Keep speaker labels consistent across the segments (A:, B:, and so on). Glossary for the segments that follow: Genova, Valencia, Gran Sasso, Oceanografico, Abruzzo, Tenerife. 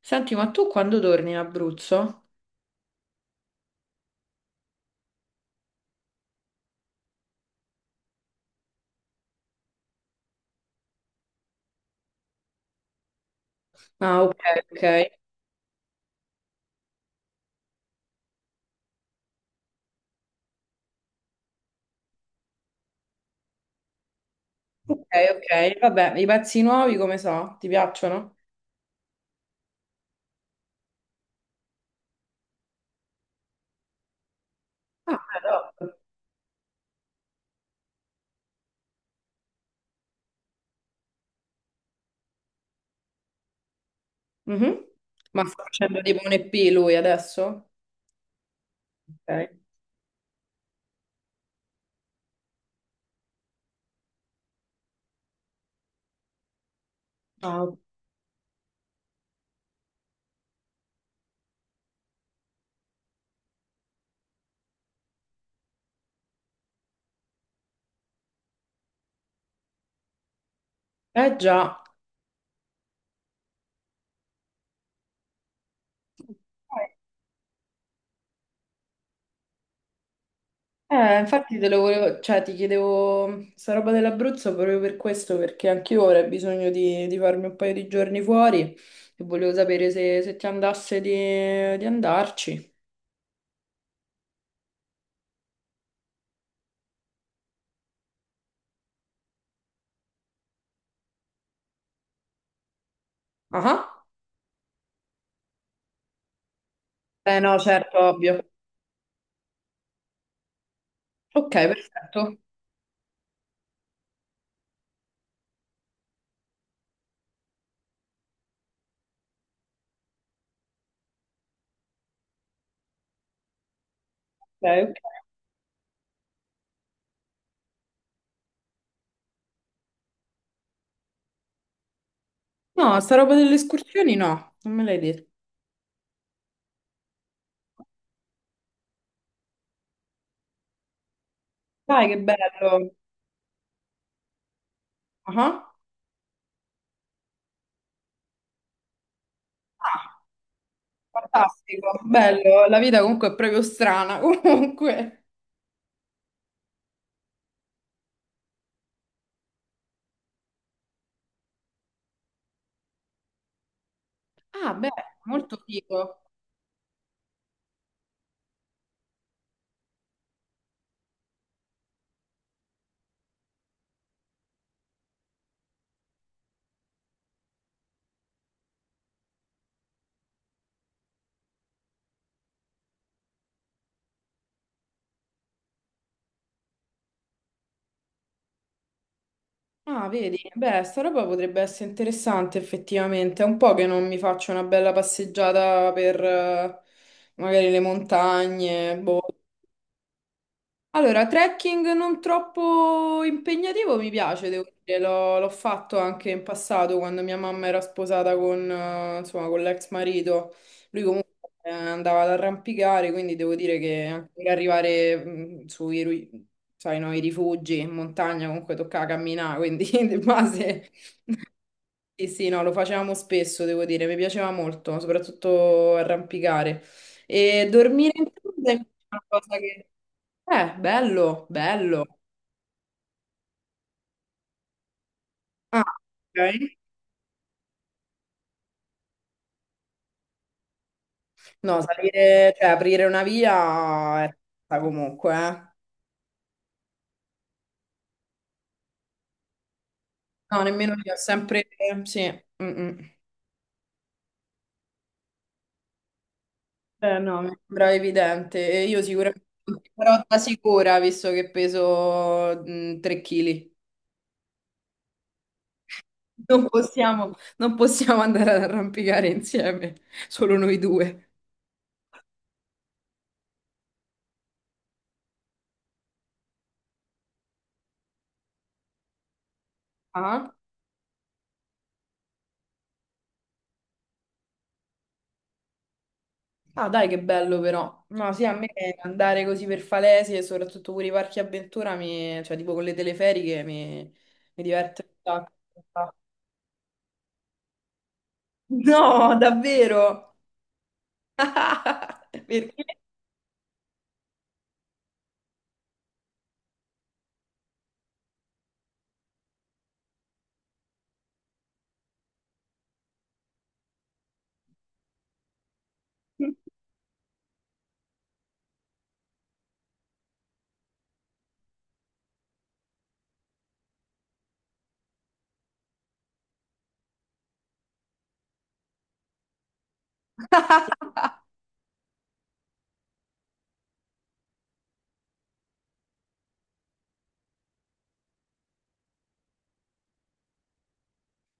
A: Senti, ma tu quando torni in Abruzzo? Ah, ok, ok. Ok, ok. Vabbè, i pezzi nuovi come so? Ti piacciono? Ah, beh, top. Mhm. Ma sta facendo tipo un EP lui adesso? Ok. Ah, ok. Eh già. Infatti te lo volevo, cioè ti chiedevo sta roba dell'Abruzzo proprio per questo, perché anch'io ora ho bisogno di farmi un paio di giorni fuori e volevo sapere se ti andasse di andarci. Ah, ah. Eh no, certo, ovvio. Ok, perfetto. Ok, ok. No, sta roba delle escursioni no, non me l'hai detto. Dai, che bello. Ah, ah, fantastico, bello. La vita comunque è proprio strana, comunque. Ah, beh, molto figo. Ah, vedi, beh, sta roba potrebbe essere interessante effettivamente. È un po' che non mi faccio una bella passeggiata per magari le montagne, boh. Allora, trekking non troppo impegnativo mi piace, devo dire, l'ho fatto anche in passato quando mia mamma era sposata con, insomma, con l'ex marito. Lui comunque andava ad arrampicare, quindi devo dire che anche per arrivare sai, no, i rifugi in montagna comunque toccava camminare, quindi di base sì, sì, no, lo facevamo spesso, devo dire, mi piaceva molto, soprattutto arrampicare. E dormire in tenda è una cosa che... bello, bello. Ah, ok. No, salire, cioè aprire una via è stata comunque, eh. No, nemmeno io, ho sempre... Sì, mm, mm. No, mi sembra evidente. E io sicuramente però da sicura, visto che peso 3 kg. Non possiamo andare ad arrampicare insieme, solo noi due. Ah? Ah, dai, che bello però. No, sì, a me andare così per Falesi e soprattutto pure i parchi avventura, cioè tipo con le teleferiche, mi diverte un sacco. No, davvero? Perché?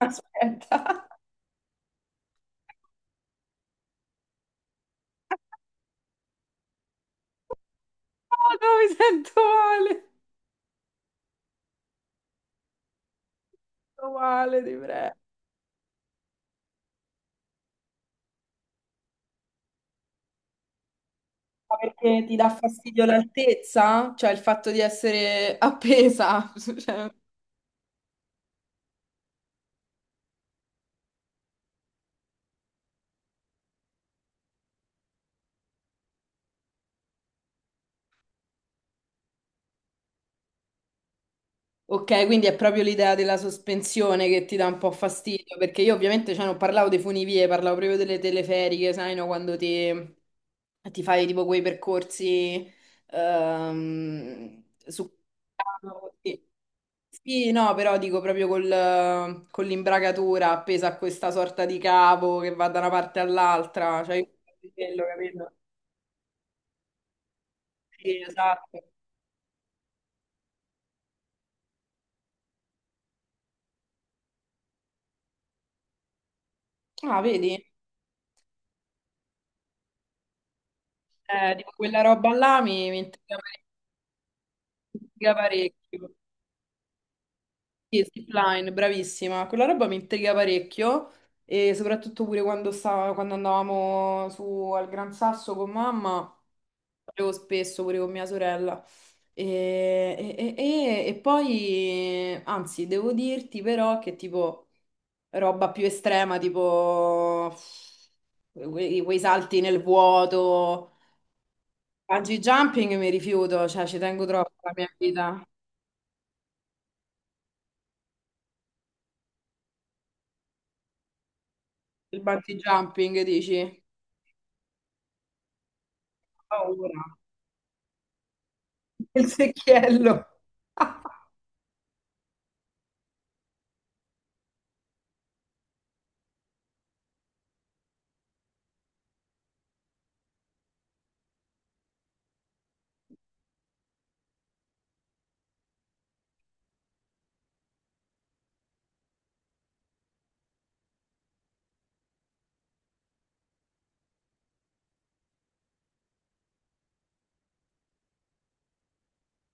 A: Aspetta. Oh, no, mi sento male. Mi sento male, ti prego. Ma perché ti dà fastidio l'altezza? Cioè il fatto di essere appesa? Cioè, ok, quindi è proprio l'idea della sospensione che ti dà un po' fastidio, perché io ovviamente cioè, non parlavo dei funivie, parlavo proprio delle teleferiche, sai, no? Quando ti fai tipo quei percorsi su... Sì. Sì, no, però dico proprio con l'imbragatura appesa a questa sorta di cavo che va da una parte all'altra, cioè io quello, capito? Sì, esatto. Ah, vedi? Tipo quella roba là mi intriga parecchio. Sì, Zipline, bravissima. Quella roba mi intriga parecchio e soprattutto pure quando andavamo su al Gran Sasso con mamma, facevo spesso pure con mia sorella. E, e poi, anzi, devo dirti però che tipo roba più estrema, tipo quei salti nel vuoto, bungee jumping mi rifiuto, cioè ci tengo troppo alla mia vita. Il bungee jumping dici? Ho paura. Il secchiello.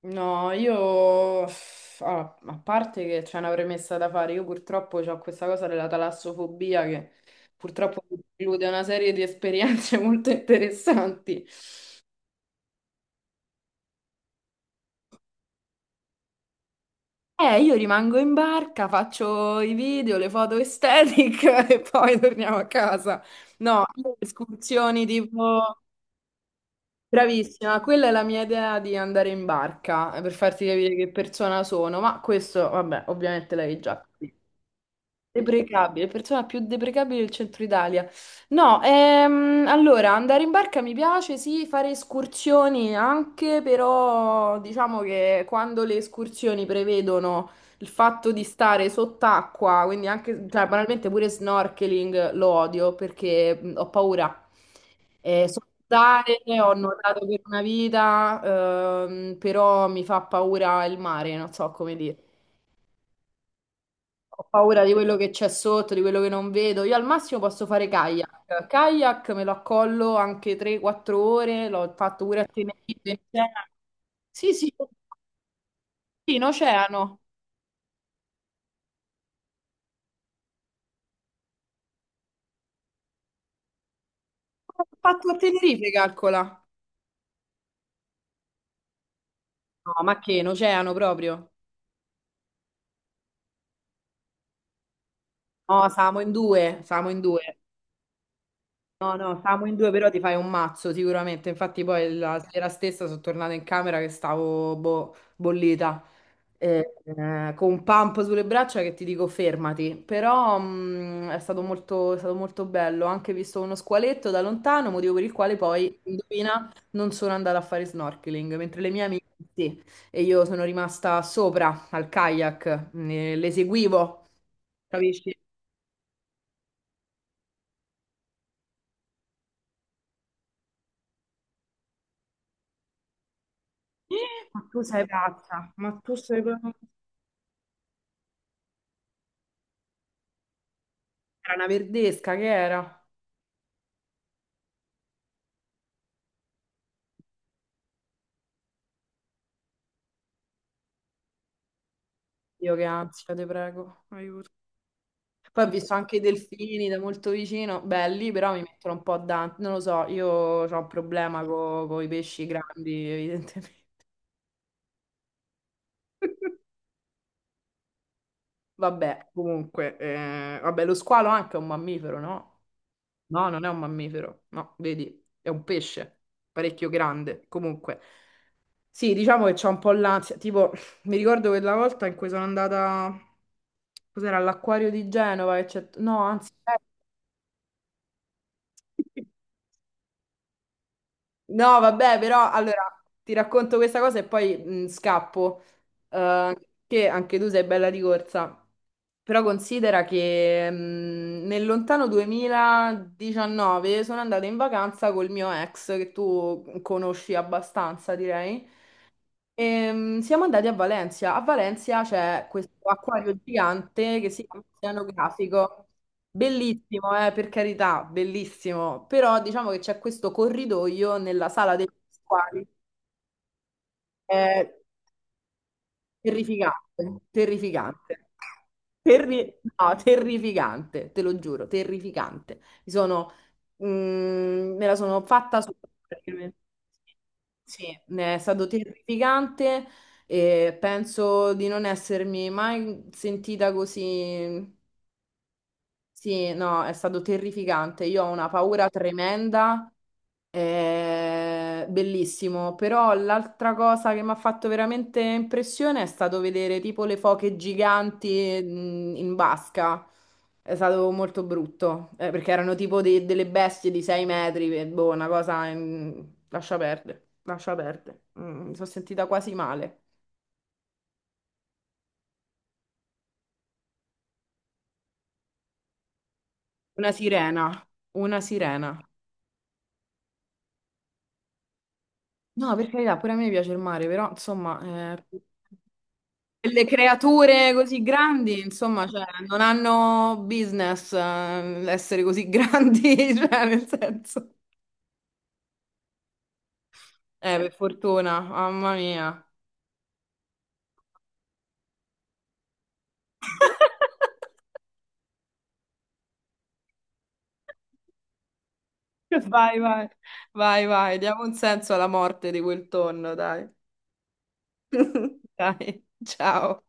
A: No, io uff, ah, a parte che c'è una premessa da fare, io purtroppo ho questa cosa della talassofobia che purtroppo mi preclude una serie di esperienze molto interessanti. Io rimango in barca, faccio i video, le foto aesthetic e poi torniamo a casa. No, io escursioni tipo. Bravissima, quella è la mia idea di andare in barca per farti capire che persona sono, ma questo, vabbè, ovviamente l'avevi già capito. Deprecabile, persona più deprecabile del centro Italia. No, allora andare in barca mi piace, sì, fare escursioni anche, però diciamo che quando le escursioni prevedono il fatto di stare sott'acqua, quindi anche, cioè, banalmente pure snorkeling lo odio perché ho paura. So nuotare, ho nuotato per una vita, però mi fa paura il mare, non so come dire. Ho paura di quello che c'è sotto, di quello che non vedo. Io al massimo posso fare kayak. Kayak me lo accollo anche 3-4 ore, l'ho fatto pure a Tenerife, in oceano. Sì, sì, sì, in oceano. L'ho fatto a Tenerife, calcola. No, ma che, in oceano proprio? No, siamo in due, siamo in due. No, no, stavamo in due, però ti fai un mazzo sicuramente. Infatti, poi la sera stessa sono tornata in camera che stavo boh, bollita. Con un pump sulle braccia che ti dico fermati. Però è stato molto bello. Ho anche visto uno squaletto da lontano, motivo per il quale poi, indovina, non sono andata a fare snorkeling, mentre le mie amiche sì. E io sono rimasta sopra al kayak, le seguivo, capisci? Ma tu sei pazza, ma tu sei pazza. Era una verdesca che era. Io che ansia, te prego, aiuto. Poi ho visto anche i delfini da molto vicino, belli, però mi mettono un po' a dante. Non lo so, io ho un problema con i pesci grandi, evidentemente. Vabbè, comunque, vabbè, lo squalo anche è un mammifero, no? No, non è un mammifero, no, vedi, è un pesce, parecchio grande. Comunque, sì, diciamo che c'ho un po' l'ansia. Tipo, mi ricordo quella volta in cui sono andata, cos'era, all'acquario di Genova, no, anzi, no, vabbè, però allora ti racconto questa cosa e poi scappo. Eh, che anche tu sei bella di corsa. Però considera che nel lontano 2019 sono andata in vacanza col mio ex, che tu conosci abbastanza, direi. Siamo andati a Valencia. A Valencia c'è questo acquario gigante che si chiama Oceanografico. Bellissimo, per carità, bellissimo. Però diciamo che c'è questo corridoio nella sala degli squali. È terrificante, terrificante. No, terrificante, te lo giuro, terrificante. Me la sono fatta sopra, praticamente. Sì, è stato terrificante e penso di non essermi mai sentita così sì, no, è stato terrificante. Io ho una paura tremenda, bellissimo. Però l'altra cosa che mi ha fatto veramente impressione è stato vedere tipo le foche giganti, in basca. È stato molto brutto, perché erano tipo delle bestie di 6 metri, e boh, una cosa... Lascia perdere, lascia perdere. Mi sono sentita quasi male. Una sirena, una sirena. No, per carità, pure a me piace il mare, però insomma... Delle creature così grandi, insomma, cioè, non hanno business essere così grandi, cioè, nel senso. Per fortuna, mamma mia. Vai, vai, vai, vai, diamo un senso alla morte di quel tonno, dai. Dai, ciao.